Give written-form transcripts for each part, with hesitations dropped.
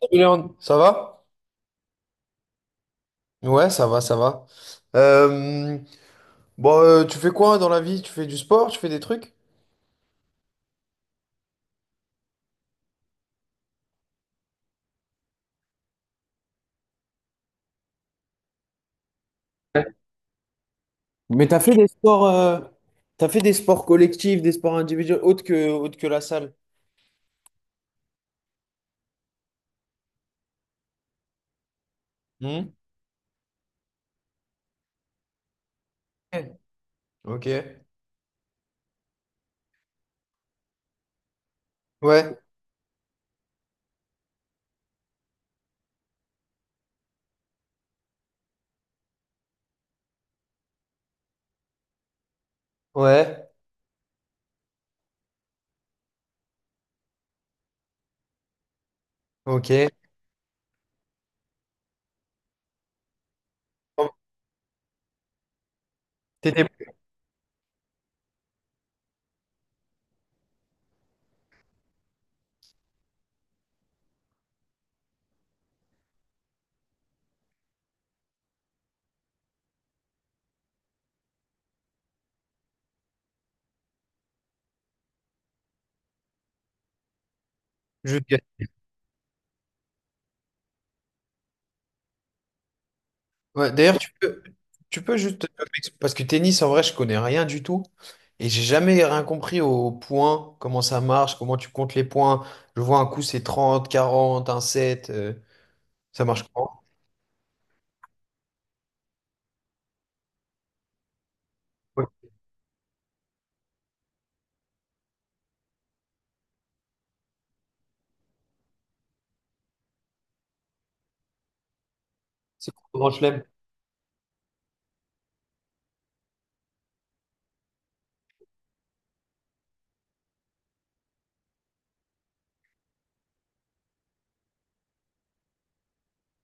Julian, ça va? Ouais, ça va, ça va. Euh, bon, tu fais quoi dans la vie? Tu fais du sport? Tu fais des trucs? Mais t'as fait des sports collectifs, des sports individuels, autres que la salle. Hmm. Ok. Ouais, ouais, ok. T'étais Ouais, d'ailleurs, tu peux, juste... Parce que tennis, en vrai, je connais rien du tout. Et j'ai jamais rien compris aux points, comment ça marche, comment tu comptes les points. Je vois un coup, c'est 30, 40, un set, ça marche comment? Ouais. C'est pour le grand chelem.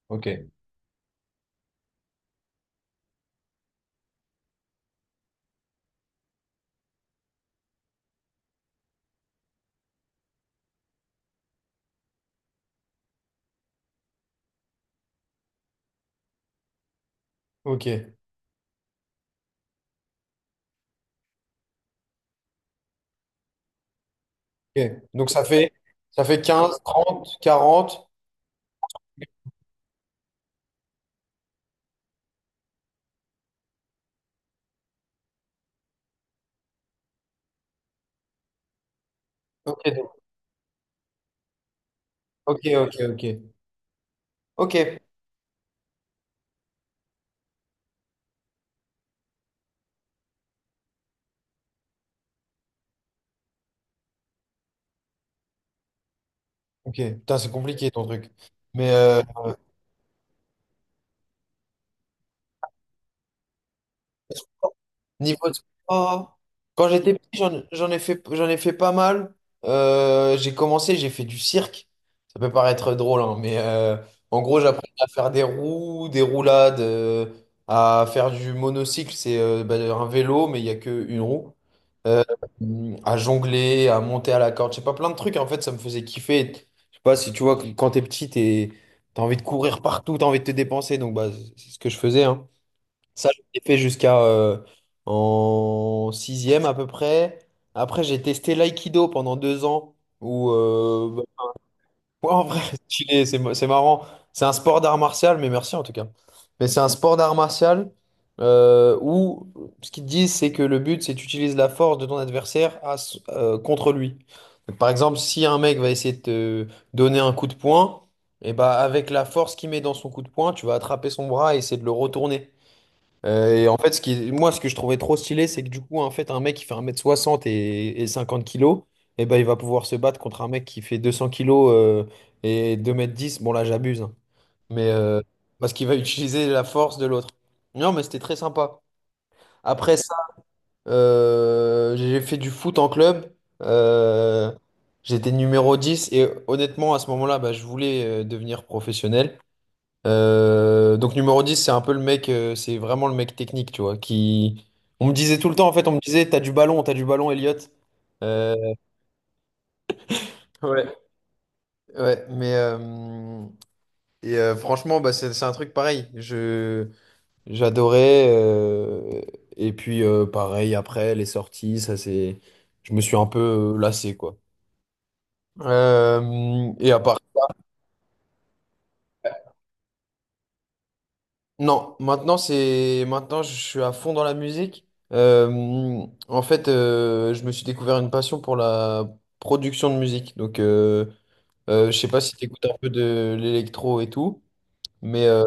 Ok. Ok. Ok. Donc ça fait 15, 30, 40. Ok, ok, ok, ok. Ok. Ok. Putain, c'est compliqué ton truc. Mais euh, Niveau sport, quand j'étais petit, j'en ai fait pas mal. J'ai commencé, j'ai fait du cirque. Ça peut paraître drôle, hein, mais en gros, j'apprenais à faire des roues, des roulades, à faire du monocycle, c'est bah, un vélo, mais il n'y a qu'une roue. Euh, à jongler, à monter à la corde, je sais pas, plein de trucs. En fait, ça me faisait kiffer. Je sais pas si tu vois, que quand t'es petit, t'as envie de courir partout, t'as envie de te dépenser. Donc, bah, c'est ce que je faisais, hein. Ça, je l'ai fait jusqu'à en sixième à peu près. Après, j'ai testé l'aïkido pendant 2 ans. Où, euh, bah, ouais, en vrai, stylé, c'est marrant. C'est un sport d'art martial, mais merci en tout cas. Mais c'est un sport d'art martial où ce qu'ils te disent, c'est que le but, c'est que tu utilises la force de ton adversaire contre lui. Donc, par exemple, si un mec va essayer de te donner un coup de poing, et bah, avec la force qu'il met dans son coup de poing, tu vas attraper son bras et essayer de le retourner. Et en fait, moi, ce que je trouvais trop stylé, c'est que du coup, en fait, un mec qui fait 1,60 m et 50 kilos, eh ben, il va pouvoir se battre contre un mec qui fait 200 kilos et 2,10 m. Bon, là, j'abuse, hein. mais euh, Parce qu'il va utiliser la force de l'autre. Non, mais c'était très sympa. Après ça, j'ai fait du foot en club. Euh, J'étais numéro 10 et honnêtement, à ce moment-là, bah, je voulais devenir professionnel. Donc numéro 10 c'est un peu c'est vraiment le mec technique, tu vois, qui... On me disait tout le temps, en fait, t'as du ballon, Elliot. Euh, ouais, ouais, mais... franchement, bah, c'est un truc pareil. J'adorais. Et puis, pareil, après, les sorties, ça, c'est... Je me suis un peu lassé, quoi. Et à part Non, maintenant c'est maintenant je suis à fond dans la musique. En fait, je me suis découvert une passion pour la production de musique. Donc, je sais pas si tu écoutes un peu de l'électro et tout, mais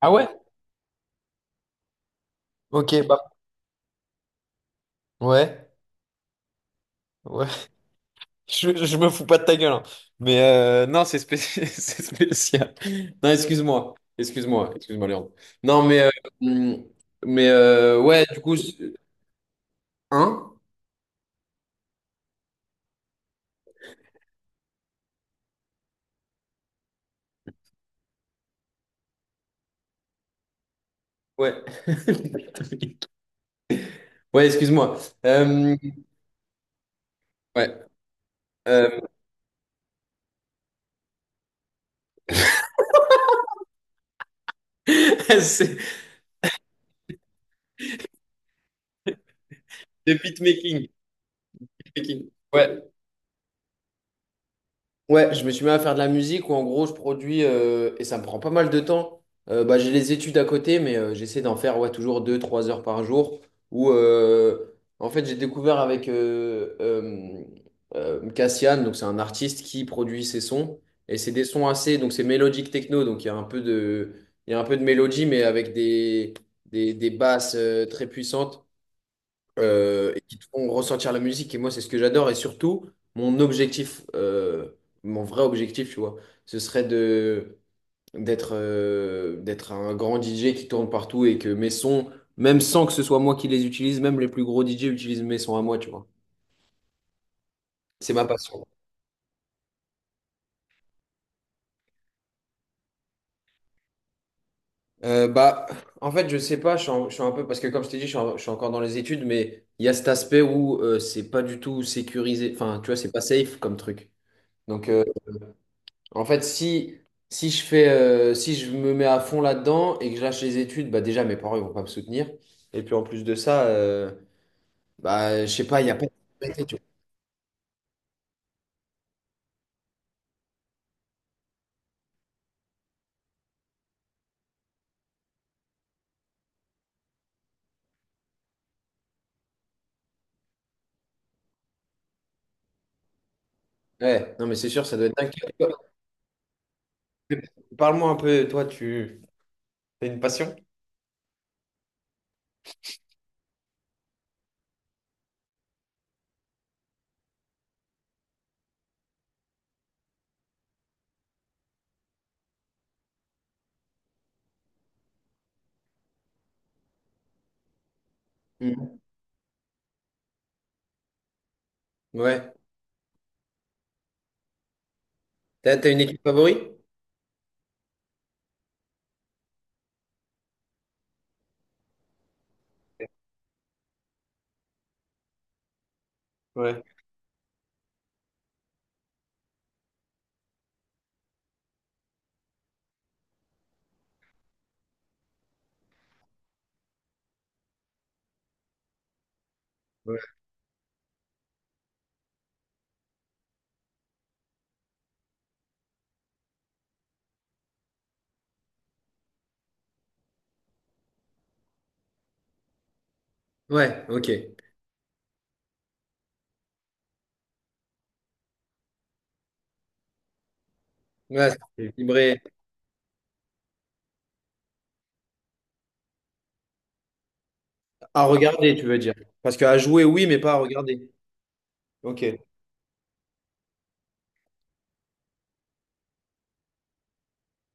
Ah ouais? Ok, bah ouais, ouais. Je me fous pas de ta gueule, hein. Mais non, c'est spécial, c'est spécial. Non, excuse-moi, excuse-moi, excuse-moi, Léon. Non, hum, mais ouais, du coup, hein? Ouais. Ouais, excuse-moi. Euh, ouais. euh, c'est le beatmaking. Beatmaking. Ouais. Ouais, je me suis mis à faire de la musique où en gros je produis et ça me prend pas mal de temps. Bah, j'ai les études à côté, mais j'essaie d'en faire ouais, toujours 2 ou 3 heures par jour. Où En fait j'ai découvert avec Cassian, donc c'est un artiste qui produit ses sons. Et c'est des sons assez, donc c'est mélodique techno, donc il y a un peu de, il y a un peu de mélodie, mais avec des basses très puissantes. Et qui te font ressentir la musique. Et moi, c'est ce que j'adore. Et surtout, mon objectif, euh, mon vrai objectif, tu vois, ce serait de d'être d'être un grand DJ qui tourne partout et que mes sons, même sans que ce soit moi qui les utilise, même les plus gros DJ utilisent mes sons à moi, tu vois. C'est ma passion. Bah, en fait, je sais pas, je suis un peu, parce que comme je t'ai dit, je suis encore dans les études, mais il y a cet aspect où c'est pas du tout sécurisé, enfin, tu vois, c'est pas safe comme truc. Donc, en fait, si je me mets à fond là-dedans et que je lâche les études, bah déjà, mes parents, ils vont pas me soutenir. Et puis, en plus de ça, bah, je sais pas, il y a pas de... tu vois. Ouais, non, mais c'est sûr, ça doit être dingue. Toi, parle-moi un peu, toi, tu... T'as une passion? Mhm. Ouais. T'as une équipe favorite? Ouais. Ouais. Ouais, ok. Ouais, c'est équilibré. À regarder, tu veux dire. Parce qu'à jouer, oui, mais pas à regarder. Ok.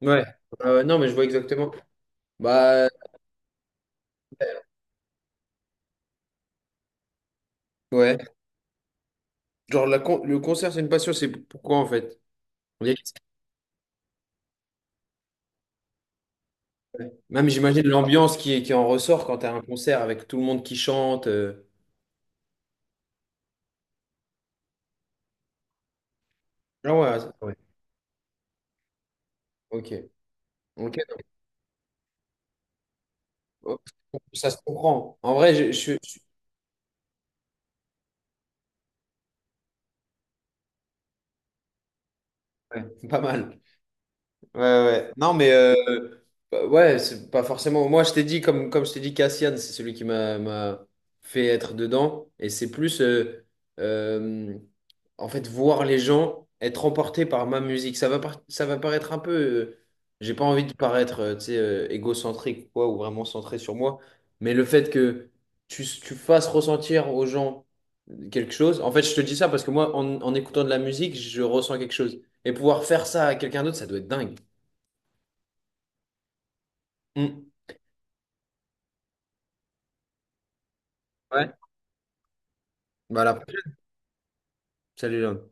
Ouais. Non, mais je vois exactement. Bah, ouais. Genre, le concert, c'est une passion, c'est pourquoi en fait? On dirait que- Même j'imagine l'ambiance qui en ressort quand t'as un concert avec tout le monde qui chante. Ah ouais. Ok. Ok. Oh, ça se comprend. En vrai, ouais, pas mal. Ouais, ouais. Ouais. Non, mais bah, ouais, c'est pas forcément. Moi, je t'ai dit, comme, Comme je t'ai dit, Cassian, c'est celui qui m'a fait être dedans. Et c'est plus, euh, en fait, voir les gens être emportés par ma musique. Ça va, ça va paraître un peu. J'ai pas envie de paraître, tu sais, égocentrique ou quoi, ou vraiment centré sur moi. Mais le fait que tu fasses ressentir aux gens quelque chose. En fait, je te dis ça parce que moi, en écoutant de la musique, je ressens quelque chose. Et pouvoir faire ça à quelqu'un d'autre, ça doit être dingue. Mm. Ouais. Bah, à la prochaine. Salut, Léon.